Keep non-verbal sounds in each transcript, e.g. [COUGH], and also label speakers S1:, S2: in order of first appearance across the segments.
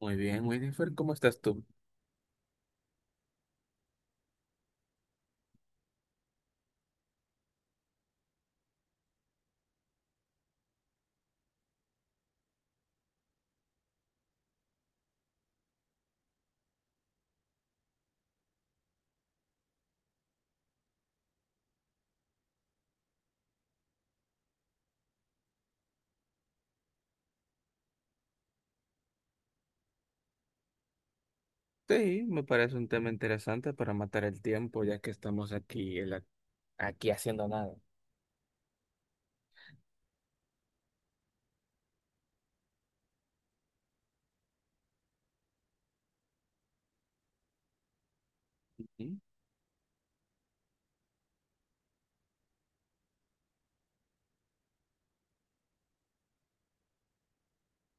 S1: Muy bien, Winifred, ¿cómo estás tú? Sí, me parece un tema interesante para matar el tiempo, ya que estamos aquí en la. Ujú,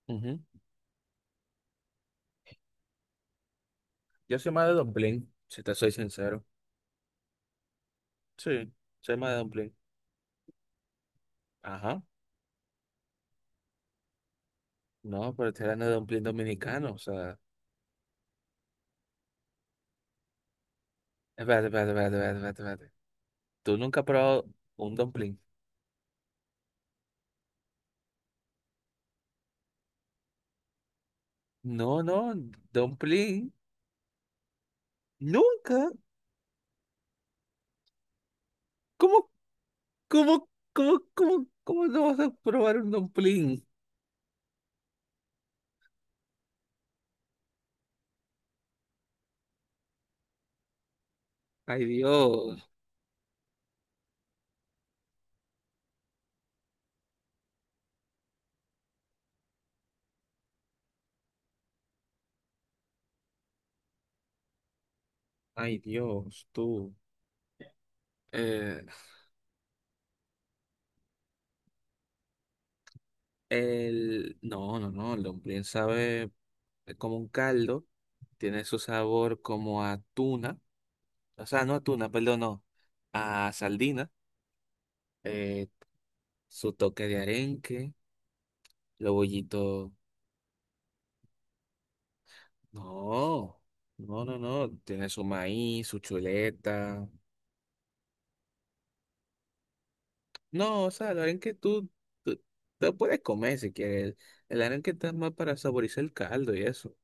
S1: ujú. Yo soy más de dumpling, si te soy sincero. Sí, soy más de dumpling. Ajá. No, pero estoy hablando de dumpling dominicano, o sea. Espérate, espérate, espérate, espérate, espérate. Espérate. ¿Tú nunca has probado un dumpling? No, no, dumpling. Nunca. ¿Cómo, cómo, cómo, cómo, cómo no vas a probar un dumpling? Ay, Dios. Ay, Dios, tú. Eh, no, no, no, el dumpling sabe es como un caldo, tiene su sabor como a tuna, o sea, no a tuna, perdón, no, a sardina, eh, su toque de arenque, los bollitos, no, no, no, no, tiene su maíz, su chuleta, no, o sea, el arenque tú lo puedes comer si quieres, el arenque está más para saborizar el caldo y eso,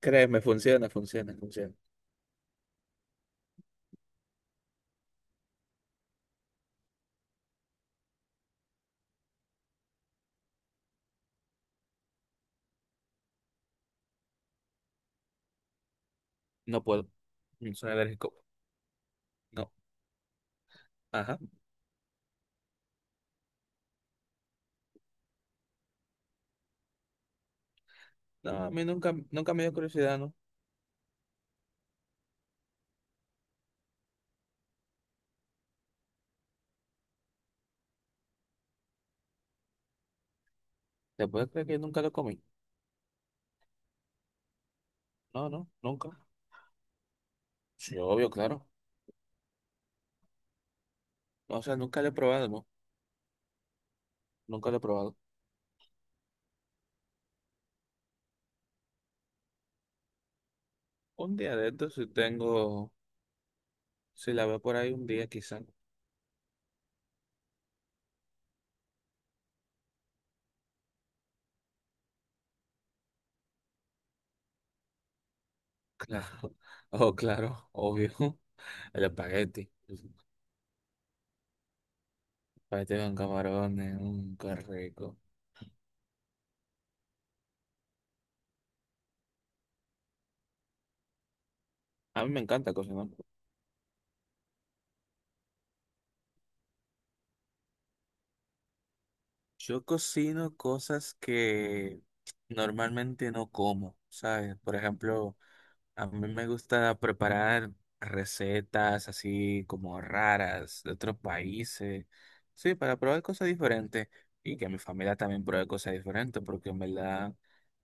S1: créeme, funciona, funciona, funciona, no puedo, no soy alérgico. No. Ajá. No, a mí nunca, nunca me dio curiosidad, ¿no? ¿Te puedes creer que nunca lo comí? No, no, nunca. Sí, obvio, claro. O sea, nunca lo he probado, ¿no? Nunca lo he probado. Un día de estos, si tengo, si la veo por ahí un día, quizá. Claro. [LAUGHS] Oh, claro, obvio. [LAUGHS] El espagueti. El espagueti con camarones, un qué rico. A mí me encanta cocinar. Yo cocino cosas que normalmente no como, ¿sabes? Por ejemplo, a mí me gusta preparar recetas así como raras de otros países, sí, para probar cosas diferentes y que mi familia también pruebe cosas diferentes, porque en verdad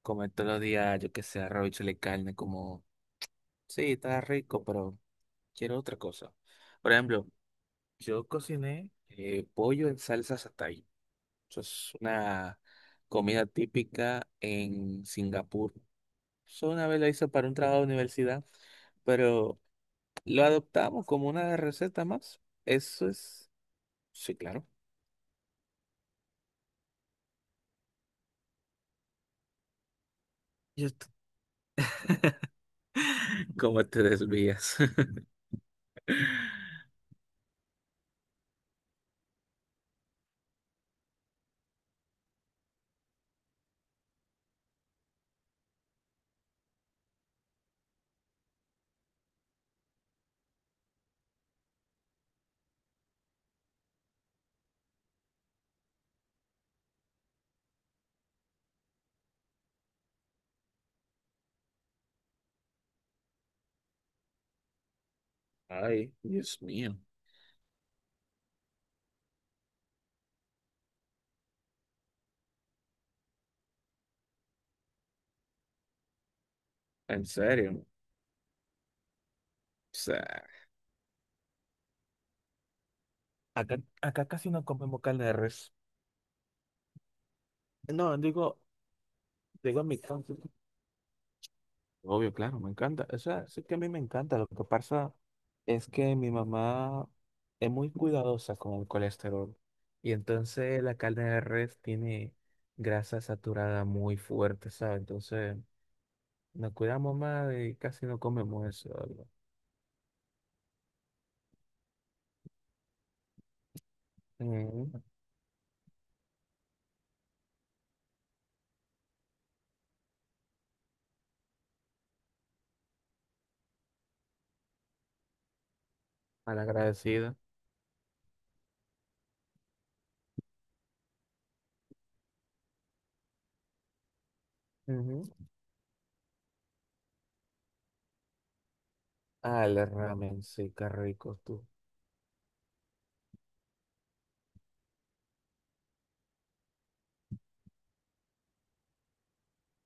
S1: comer todos los días, yo que sé, arroz y chile carne, como, sí, está rico, pero quiero otra cosa. Por ejemplo, yo cociné pollo en salsa satay. Eso es una comida típica en Singapur. Solo una vez lo hice para un trabajo de universidad, pero lo adoptamos como una receta más. Eso es, sí, claro. Yo t- [LAUGHS] ¿Cómo te desvías? [LAUGHS] Ay, Dios mío, en serio. O sea, acá casi no comemos carne de res. No, digo en mi caso. Obvio, claro, me encanta. O sea, sí que a mí me encanta. Lo que pasa es que mi mamá es muy cuidadosa con el colesterol. Y entonces la carne de res tiene grasa saturada muy fuerte, ¿sabes? Entonces nos cuidamos más y casi no comemos eso. ¿Verdad? Ujú, malagradecida. Ujú. Ah, el ramen, sí, qué rico tú.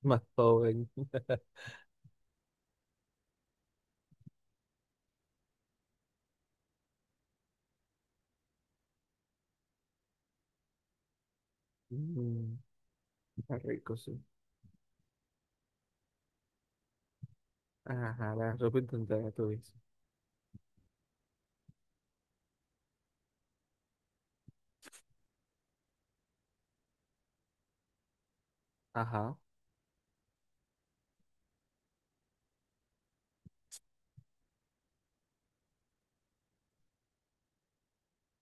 S1: Más joven. [LAUGHS] Mm, qué rico, sí. Ajá, la sopa instantánea, tú dices. Ajá.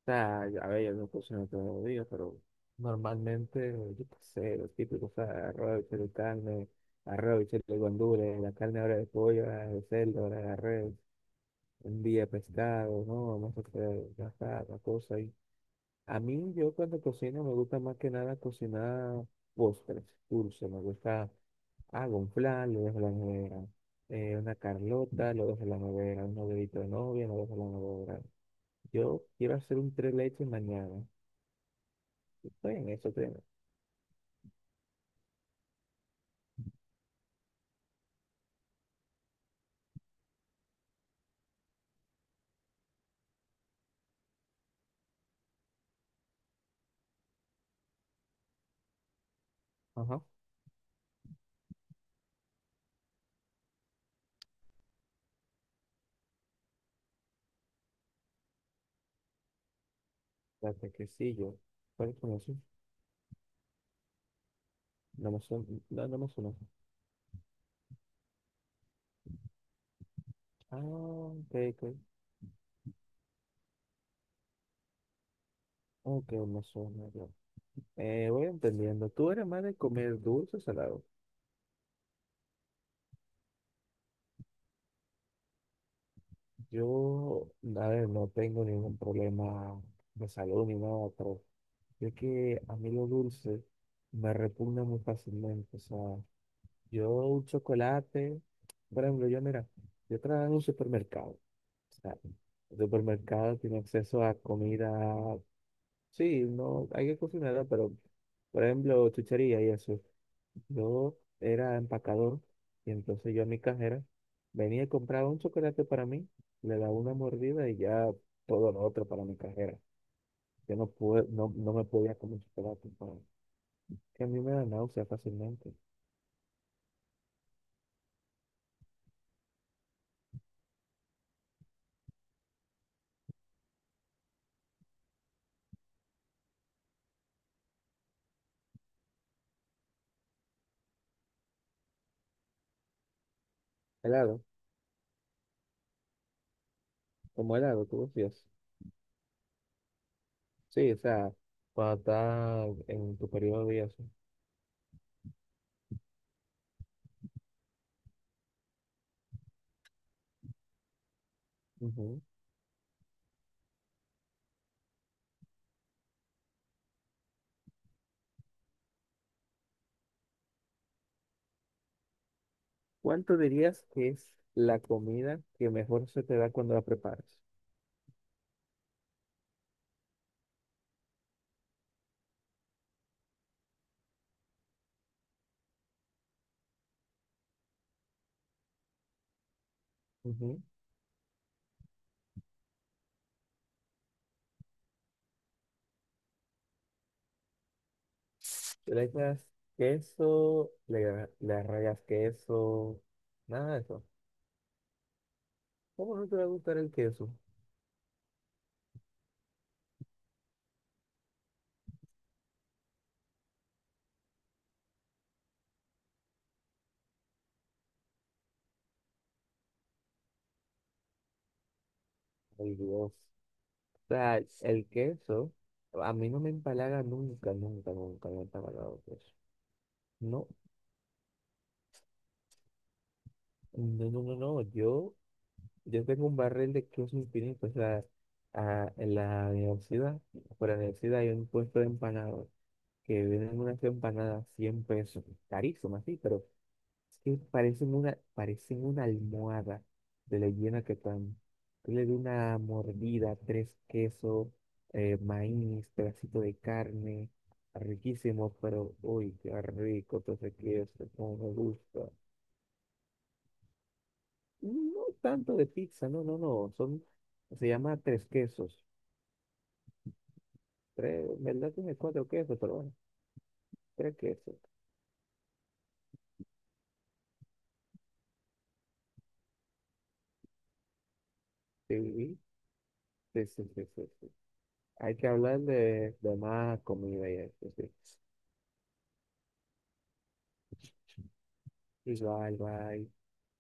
S1: Sea, a ver, yo no cocino todos los días, pero normalmente, yo qué sé, los típicos, o sea, arroz, bichuela y carne, arroz, bichuela y guandules, la carne ahora de pollo, ahora de cerdo, ahora de res, un día pescado, no, vamos a hacer gastar la cosa ahí. A mí, yo cuando cocino, me gusta más que nada cocinar postres, dulces, me gusta, hago un flan, lo dejo en la nevera, una carlota, lo dejo en la nevera, un novedito de novia, lo dejo en la nevera. Yo quiero hacer un tres leches mañana. Estoy en eso, estoy en eso. Ajá. La yo. ¿Cuál es uno? No me suena. No, no me suena. Ah, ok, ok. Ok, me suena yo. Voy entendiendo. Tú eres más de comer dulce o salado. Yo, a ver, no tengo ningún problema de salud ni nada, pero es que a mí lo dulce me repugna muy fácilmente. O sea, yo un chocolate, por ejemplo, yo mira, yo trabajo en un supermercado. O sea, el supermercado tiene acceso a comida. Sí, no, hay que cocinarla, pero por ejemplo, chuchería y eso. Yo era empacador y entonces yo a mi cajera venía y compraba un chocolate para mí, le daba una mordida y ya todo lo otro para mi cajera. Yo no pude, no, no me podía comer chocolate, que a mí me da náusea fácilmente. Helado, como helado, tú decías. Sí, o sea, cuando estás en tu periodo y eso. Ujú. ¿Cuánto dirías que es la comida que mejor se te da cuando la preparas? Ujú. Tú le echas queso, le rayas queso, nada de eso. ¿Cómo no te va a gustar el queso? Ay, Dios. O sea, el queso, a mí no me empalaga nunca, nunca, nunca me ha empalagado el queso. No, no, no, no, no. Yo tengo un barril de queso infinito. O sea, en la universidad, por la universidad hay un puesto de empanadas que venden unas empanadas 100 pesos, carísimas, sí, pero es que parecen una almohada de la hiena que están. Yo le di una mordida, tres quesos, maíz, pedacito de carne, riquísimo, pero uy, qué rico todo ese queso, cómo me gusta. No tanto de pizza, no, no, no, son, se llama tres quesos. Tres, en verdad tiene cuatro quesos, pero bueno, tres quesos. Sí, sí, sí, sí, sí, sí. Hay que hablar de, más comida y eso, sí. Igual, bye.